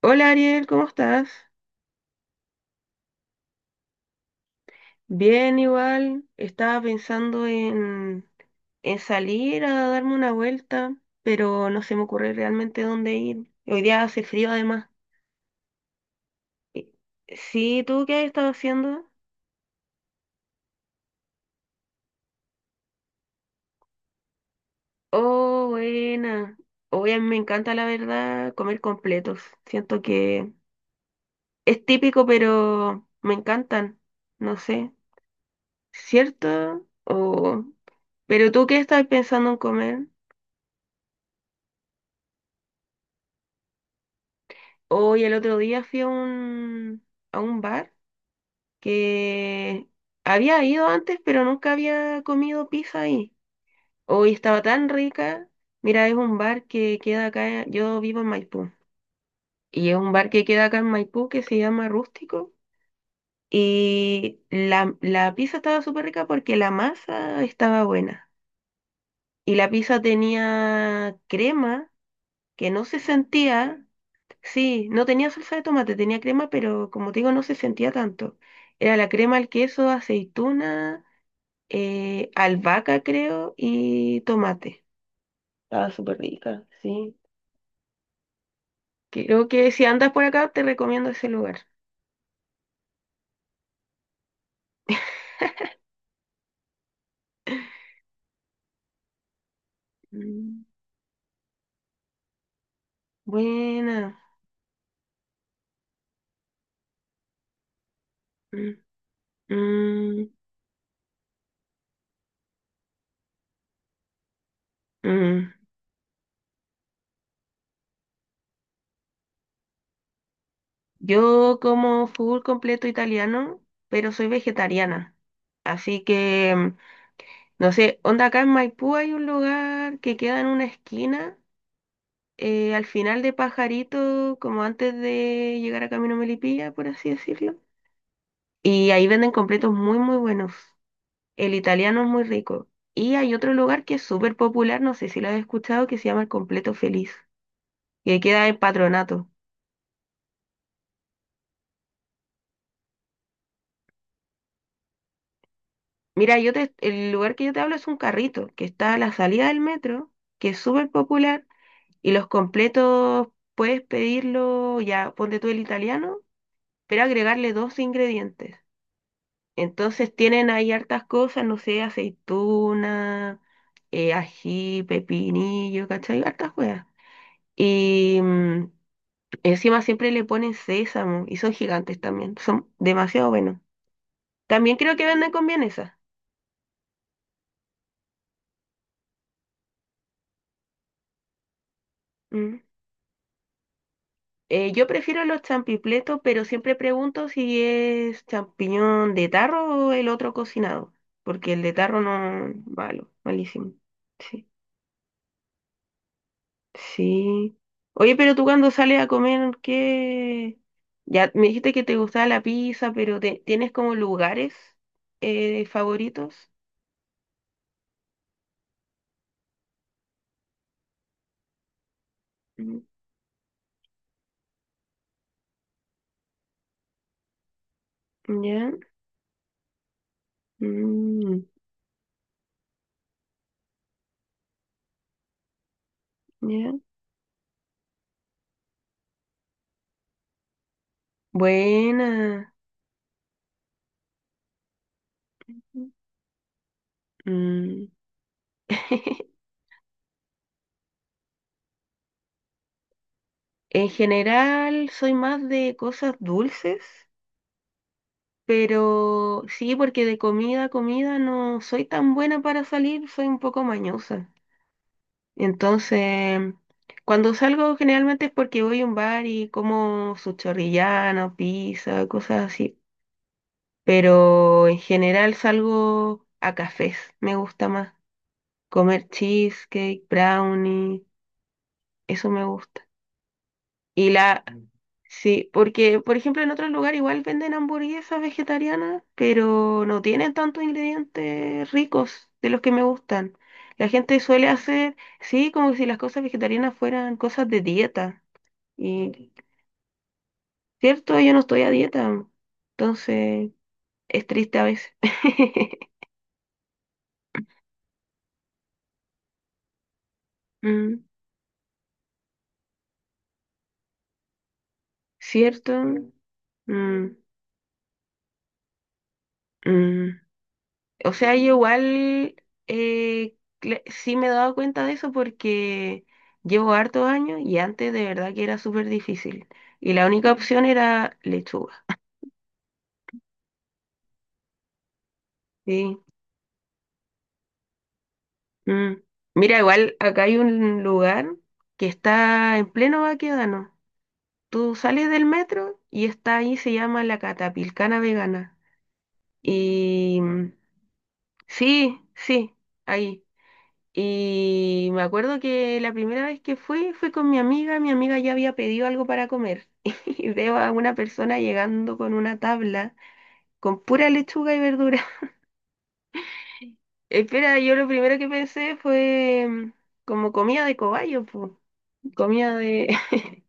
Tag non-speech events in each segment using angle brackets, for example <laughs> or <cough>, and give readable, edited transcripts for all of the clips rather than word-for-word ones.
Hola Ariel, ¿cómo estás? Bien, igual. Estaba pensando en salir a darme una vuelta, pero no se me ocurre realmente dónde ir. Hoy día hace frío además. Eh, Sí, ¿tú qué has estado haciendo? Oh, buena. Hoy a mí me encanta, la verdad, comer completos. Siento que es típico, pero me encantan. No sé, ¿cierto? O... ¿Pero tú qué estás pensando en comer? Hoy el otro día fui a un bar que había ido antes, pero nunca había comido pizza ahí. Hoy estaba tan rica. Mira, es un bar que queda acá, yo vivo en Maipú, y es un bar que queda acá en Maipú que se llama Rústico. Y la pizza estaba súper rica porque la masa estaba buena. Y la pizza tenía crema que no se sentía. Sí, no tenía salsa de tomate, tenía crema, pero como te digo, no se sentía tanto. Era la crema, el queso, aceituna, albahaca, creo, y tomate. Estaba súper rica, sí. Creo que si andas por acá, te recomiendo ese lugar. Mm, buena. Mm, mm, mm. Yo como full completo italiano, pero soy vegetariana. Así que, no sé, onda acá en Maipú hay un lugar que queda en una esquina al final de Pajarito, como antes de llegar a Camino Melipilla, por así decirlo. Y ahí venden completos muy, muy buenos. El italiano es muy rico. Y hay otro lugar que es súper popular, no sé si lo has escuchado, que se llama el Completo Feliz, que queda en Patronato. Mira, el lugar que yo te hablo es un carrito, que está a la salida del metro, que es súper popular, y los completos puedes pedirlo, ya ponte tú el italiano, pero agregarle dos ingredientes. Entonces tienen ahí hartas cosas, no sé, aceituna, ají, pepinillo, ¿cachai? Hartas cosas. Y encima siempre le ponen sésamo y son gigantes también, son demasiado buenos. También creo que venden con vienesa. Mm. Yo prefiero los champipletos, pero siempre pregunto si es champiñón de tarro o el otro cocinado, porque el de tarro no, malo, malísimo. Sí. Sí. Oye, pero tú cuando sales a comer, ¿qué? Ya me dijiste que te gustaba la pizza, pero te- ¿tienes como lugares favoritos? Mm. Ya. Mm, ya. Buena. Mm. <laughs> En general, soy más de cosas dulces, pero sí, porque de comida a comida no soy tan buena para salir, soy un poco mañosa. Entonces, cuando salgo generalmente es porque voy a un bar y como su chorrillano, pizza, cosas así. Pero en general salgo a cafés, me gusta más. Comer cheesecake, brownie, eso me gusta. Y la, sí, porque por ejemplo en otros lugares igual venden hamburguesas vegetarianas, pero no tienen tantos ingredientes ricos de los que me gustan. La gente suele hacer, sí, como si las cosas vegetarianas fueran cosas de dieta. Y cierto, yo no estoy a dieta, entonces es triste a veces. <laughs> Mm, ¿cierto? Mm, mm. O sea, yo igual cl- sí me he dado cuenta de eso porque llevo hartos años y antes de verdad que era súper difícil. Y la única opción era lechuga. Sí. Mm. Mira, igual acá hay un lugar que está en pleno Baquedano. Tú sales del metro y está ahí, se llama La Catapilcana Vegana. Y sí, sí, ahí. Y me acuerdo que la primera vez que fui, fui con mi amiga ya había pedido algo para comer. <laughs> Y veo a una persona llegando con una tabla con pura lechuga y verdura. <laughs> Espera, yo lo primero que pensé fue como comida de cobayo, pues, comida de... <laughs>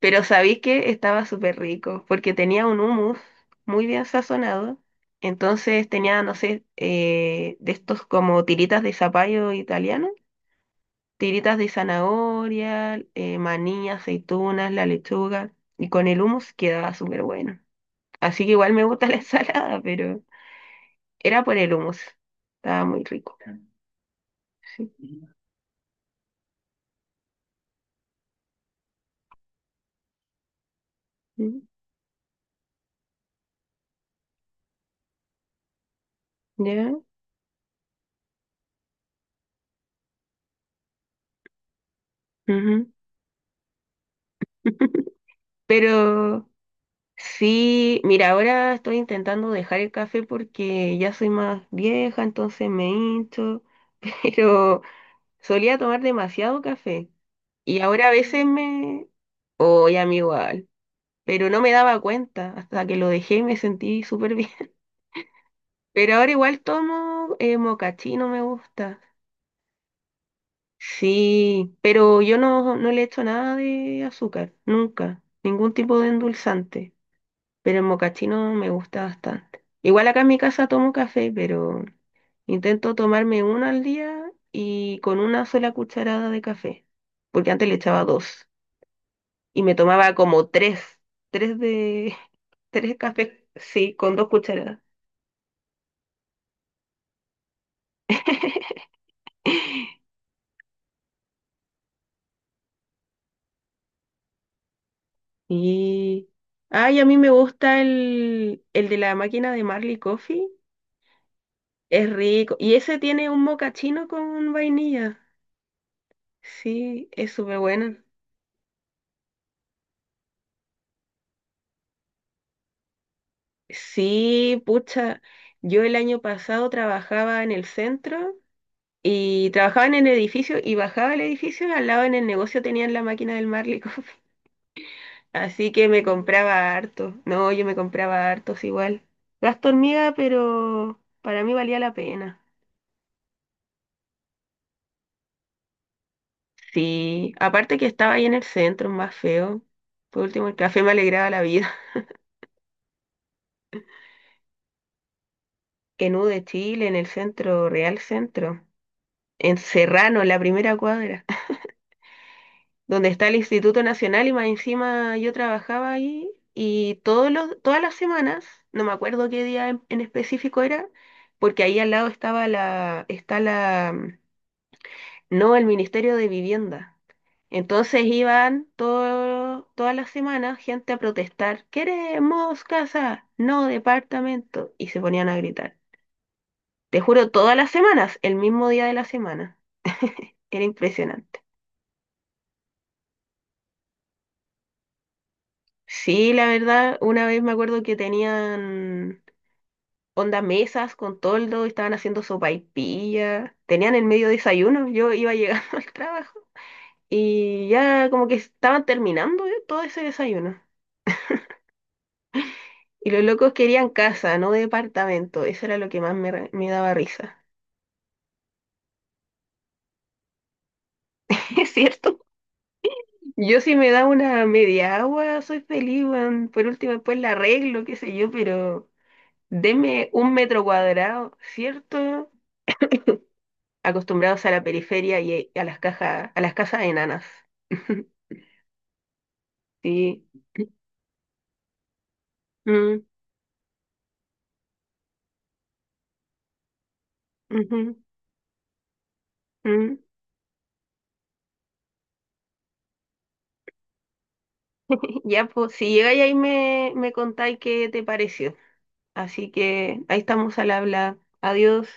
Pero sabéis que estaba súper rico, porque tenía un hummus muy bien sazonado. Entonces tenía, no sé, de estos como tiritas de zapallo italiano, tiritas de zanahoria, maní, aceitunas, la lechuga, y con el hummus quedaba súper bueno. Así que igual me gusta la <laughs> ensalada, pero era por el hummus. Estaba muy rico. Sí. Mm. ¿Ya? Ujú. <laughs> Pero sí, mira, ahora estoy intentando dejar el café porque ya soy más vieja, entonces me hincho, <laughs> pero solía tomar demasiado café y ahora a veces me... Oye, a mí igual. Pero no me daba cuenta hasta que lo dejé y me sentí súper bien. <laughs> Pero ahora igual tomo mocachino, me gusta. Sí, pero yo no, no le echo nada de azúcar, nunca, ningún tipo de endulzante, pero el mocachino me gusta bastante. Igual acá en mi casa tomo café, pero intento tomarme uno al día y con una sola cucharada de café, porque antes le echaba dos y me tomaba como tres, tres de, <laughs> tres cafés, sí, con dos cucharadas. Y. Ay, a mí me gusta el de la máquina de Marley Coffee. Es rico. Y ese tiene un mocachino con vainilla. Sí, es súper bueno. Sí, pucha. Yo el año pasado trabajaba en el centro y trabajaba en el edificio y bajaba el edificio y al lado en el negocio tenían la máquina del Marley <laughs> Coffee. Así que me compraba harto. No, yo me compraba hartos igual. Gasto hormiga, pero para mí valía la pena. Sí, aparte que estaba ahí en el centro, más feo. Por último, el café me alegraba la vida. <laughs> En U de Chile, en el centro, Real Centro, en Serrano, en la primera cuadra, <laughs> donde está el Instituto Nacional y más encima yo trabajaba ahí y todas las semanas, no me acuerdo qué día en específico era, porque ahí al lado está la... No, el Ministerio de Vivienda. Entonces iban todas las semanas gente a protestar, queremos casa, no departamento, y se ponían a gritar. Te juro, todas las semanas, el mismo día de la semana. Era impresionante. Sí, la verdad, una vez me acuerdo que tenían onda mesas con toldo, estaban haciendo sopaipilla, tenían el medio desayuno, yo iba llegando <laughs> al trabajo y ya como que estaban terminando todo ese desayuno. Y los locos querían casa, no departamento. Eso era lo que más me daba risa. <laughs> ¿Es cierto? Yo si me da una media agua, soy feliz, weón. Por último, después la arreglo, qué sé yo, pero deme un metro cuadrado, ¿cierto? Acostumbrados a la periferia y a las cajas, a las casas enanas. <laughs> Sí. Mm, ujú, mm. <laughs> Ya, pues, si llegáis ahí me contáis qué te pareció. Así que ahí estamos al habla. Adiós.